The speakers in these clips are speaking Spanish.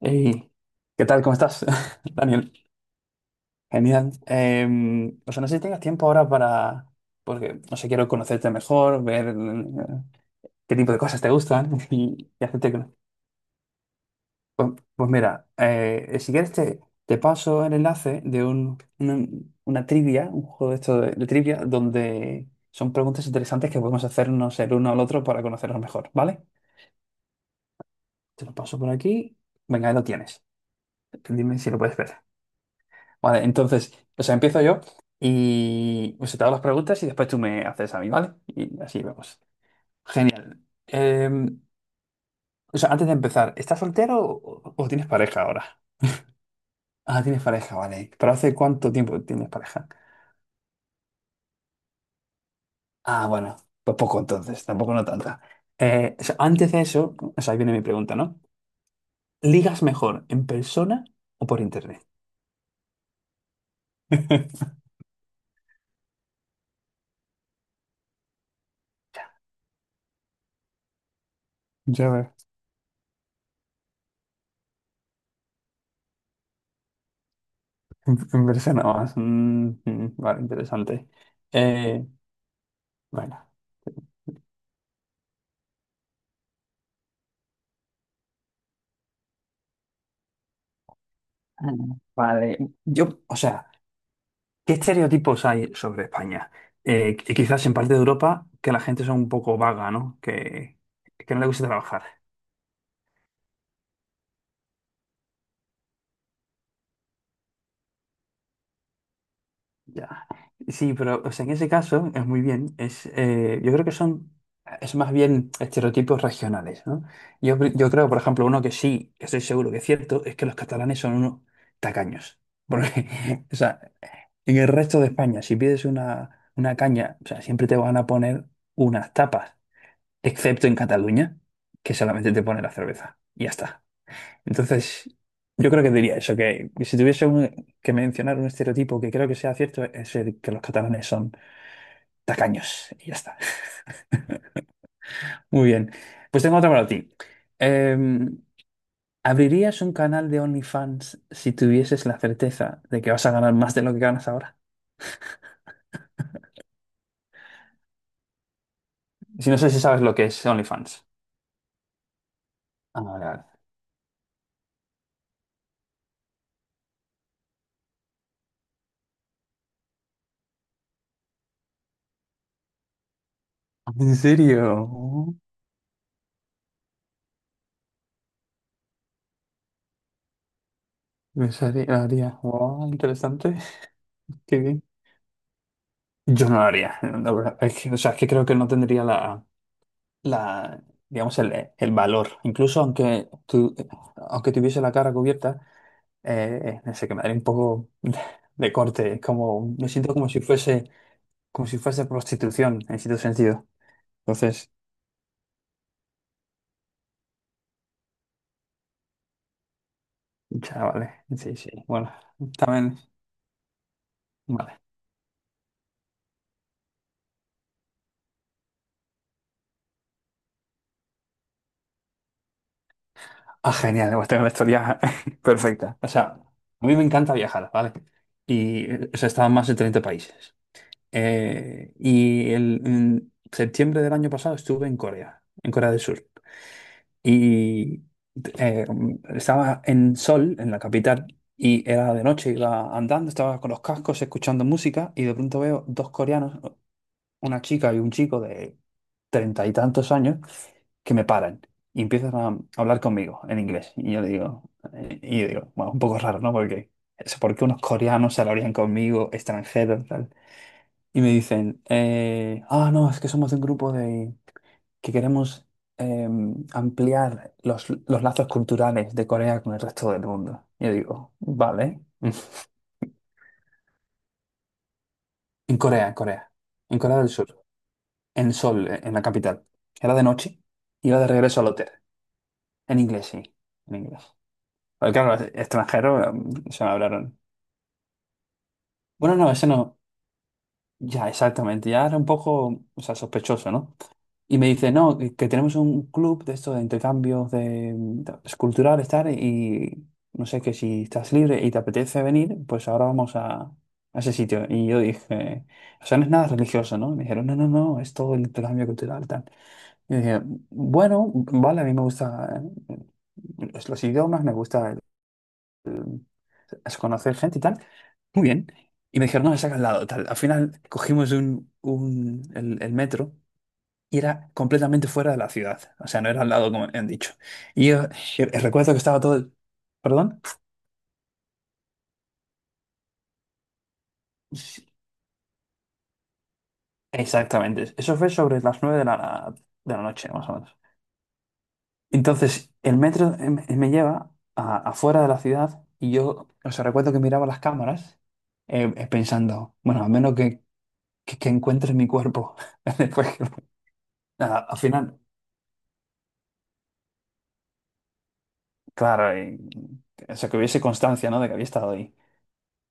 Hey, ¿qué tal? ¿Cómo estás? Daniel, genial. No sé si tengas tiempo ahora para, no sé, quiero conocerte mejor, ver qué tipo de cosas te gustan y Pues, pues mira, si quieres te paso el enlace de una trivia, un juego de esto de trivia, donde son preguntas interesantes que podemos hacernos el uno al otro para conocernos mejor, ¿vale? Te lo paso por aquí. Venga, ahí lo tienes. Dime si lo puedes ver. Vale, entonces, o sea, empiezo yo y o sea, te hago las preguntas y después tú me haces a mí, ¿vale? Y así vamos. Genial. Eh, o sea, antes de empezar, ¿estás soltero o tienes pareja ahora? Ah, tienes pareja, vale. ¿Pero hace cuánto tiempo tienes pareja? Ah, bueno, pues poco entonces, tampoco no tanta. O sea, antes de eso, o sea, ahí viene mi pregunta, ¿no? ¿Ligas mejor en persona o por internet? Ya veo. En persona más. Vale, interesante. Eh, bueno. Ah, Vale, yo, o sea, ¿qué estereotipos hay sobre España? Y quizás en parte de Europa que la gente es un poco vaga, ¿no? Que no le gusta trabajar. Ya. Sí, pero o sea, en ese caso es muy bien. Yo creo que son, es más bien estereotipos regionales, ¿no? Yo creo, por ejemplo, uno que sí, que estoy seguro que es cierto, es que los catalanes son unos tacaños. Porque, o sea, en el resto de España, si pides una caña, o sea, siempre te van a poner unas tapas. Excepto en Cataluña, que solamente te pone la cerveza. Y ya está. Entonces, yo creo que diría eso, que si tuviese un- que mencionar un estereotipo que creo que sea cierto, es el que los catalanes son tacaños. Y ya está. Muy bien. Pues tengo otra para ti. Em, ¿Abrirías un canal de OnlyFans si tuvieses la certeza de que vas a ganar más de lo que ganas ahora? Si no sé si sabes lo que es OnlyFans. Ah, vale, vale. ¿En serio? Haría. Wow, interesante. Qué bien. Yo no lo haría, la verdad. Es que, o sea, es que creo que no tendría la, digamos, el valor. Aunque tuviese la cara cubierta, no sé, que me daría un poco de corte. Es como, me siento como si fuese prostitución, en cierto sentido. Entonces, ya, vale. Sí, sí. Bueno, también, vale. Ah, genial. Pues tengo la historia perfecta. O sea, a mí me encanta viajar, ¿vale? Y o sea, he estado en más de 30 países. En septiembre del año pasado estuve en Corea del Sur. Y eh, estaba en Seoul, en la capital, y era de noche, iba andando, estaba con los cascos, escuchando música, y de pronto veo dos coreanos, una chica y un chico de 30 y tantos años, que me paran y empiezan a hablar conmigo en inglés. Y yo digo, bueno, un poco raro, ¿no? Porque, ¿por qué unos coreanos se hablarían conmigo, extranjeros, tal? Y me dicen, ah, no, es que somos de un grupo de, que queremos ampliar los lazos culturales de Corea con el resto del mundo. Yo digo, vale. En Corea, en Corea, en Corea del Sur, en Seoul, en la capital. Era de noche y iba de regreso al hotel. En inglés, sí, en inglés. Porque claro, extranjero, se me hablaron. Bueno, no, ese no. Ya, exactamente. Ya era un poco, o sea, sospechoso, ¿no? Y me dice, no, que tenemos un club de esto de intercambios de, culturales, tal, y no sé, que si estás libre y te apetece venir, pues ahora vamos a ese sitio. Y yo dije, o sea, no es nada religioso, ¿no? Y me dijeron, no, no, no, es todo el intercambio cultural, tal. Y yo dije, bueno, vale, a mí me gusta eh, los idiomas, es conocer gente y tal. Muy bien. Y me dijeron, no, es acá al lado, tal. Al final cogimos el metro y era completamente fuera de la ciudad. O sea, no era al lado, como han dicho. Y yo, recuerdo que estaba todo... ¿Perdón? Sí, exactamente. Eso fue sobre las 9 de la noche, más o menos. Entonces, el metro me lleva afuera de la ciudad y yo, o sea, recuerdo que miraba las cámaras pensando, bueno, a menos que encuentre mi cuerpo. Después, que- nada, al final, claro, o sea, que hubiese constancia, ¿no? De que había estado ahí.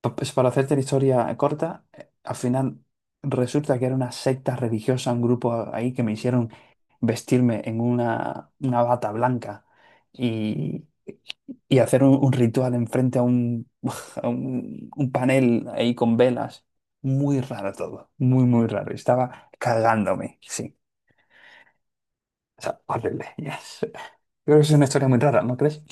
Pues para hacerte la historia corta, al final resulta que era una secta religiosa, un grupo ahí que me hicieron vestirme en una bata blanca y, y hacer un ritual enfrente a un, a un panel ahí con velas. Muy raro todo, muy, muy raro. Estaba cagándome, sí. O sea, horrible. Yes. Creo que es una historia muy rara, ¿no crees?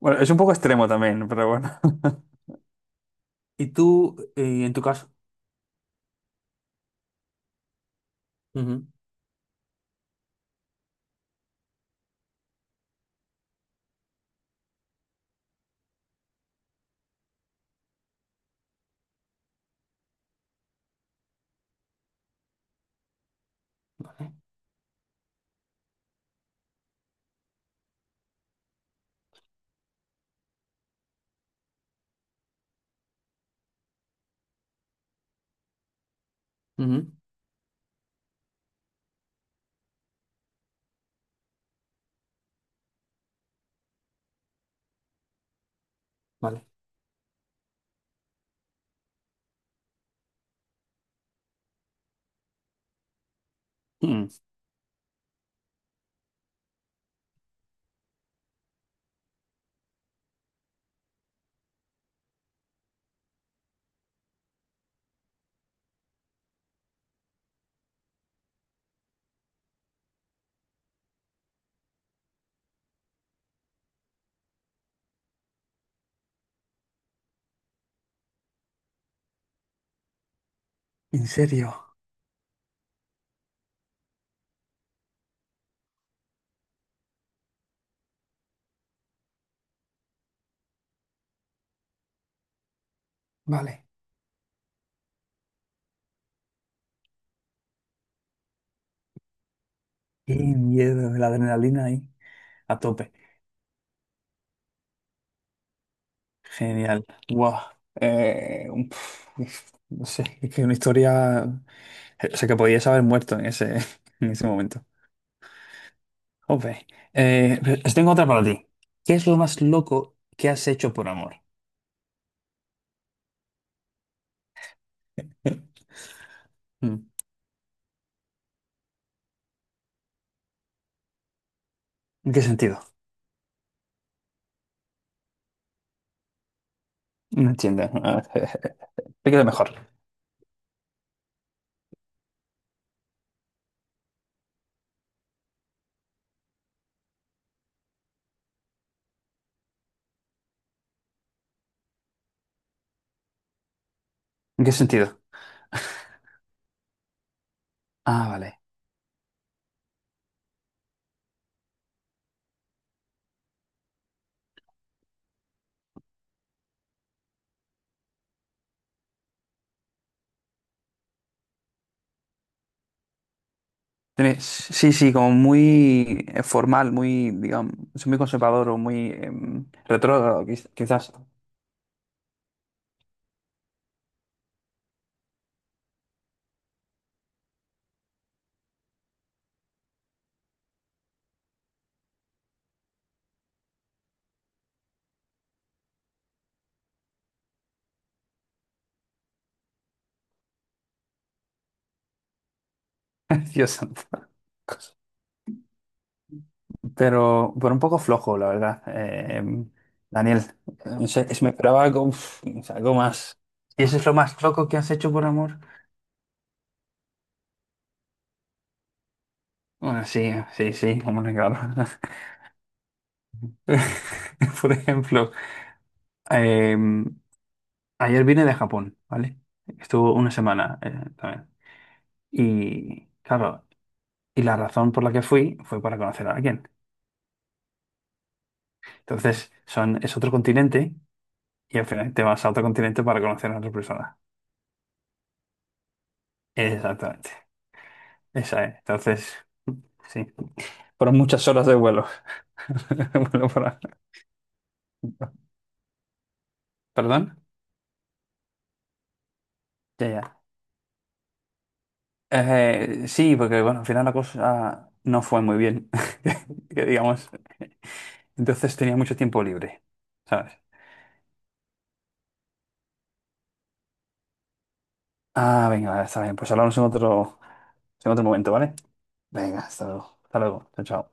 Bueno, es un poco extremo también, pero bueno. ¿Y tú, en tu caso? Ujú, vale. Ujú, vale. Mm. ¿En serio? Vale. Qué miedo, la adrenalina ahí a tope. Genial. Guau. No sé, es que una historia. O sea, que podías haber muerto en ese, en ese momento. Ok. Pues tengo otra para ti. ¿Qué es lo más loco que has hecho por amor? Mm. ¿En qué sentido? No entiendo. Explícate mejor. ¿En qué sentido? Ah, vale. Sí, sí, como muy formal, muy, digamos, es muy conservador o muy retrógrado, quizás. Dios santo. Pero un poco flojo, la verdad. Daniel, no sé, me esperaba algo, uf, o sea, algo más. ¿Y eso es lo más loco que has hecho por amor? Bueno, sí, sí, sí, hombre, claro. Por ejemplo, em, ayer vine de Japón, ¿vale? Estuvo una semana también. Y claro, y la razón por la que fui fue para conocer a alguien. Entonces, es otro continente y al final te vas a otro continente para conocer a otra persona. Exactamente. Esa es. Entonces, sí. Fueron muchas horas de vuelo. Vuelo para- ¿Perdón? Ya, ya. Sí, porque bueno, al final la cosa no fue muy bien. Que digamos. Entonces tenía mucho tiempo libre, ¿sabes? Ah, venga, vale, está bien. Pues hablamos en otro momento, ¿vale? Venga, hasta luego. Hasta luego. Chao, chao.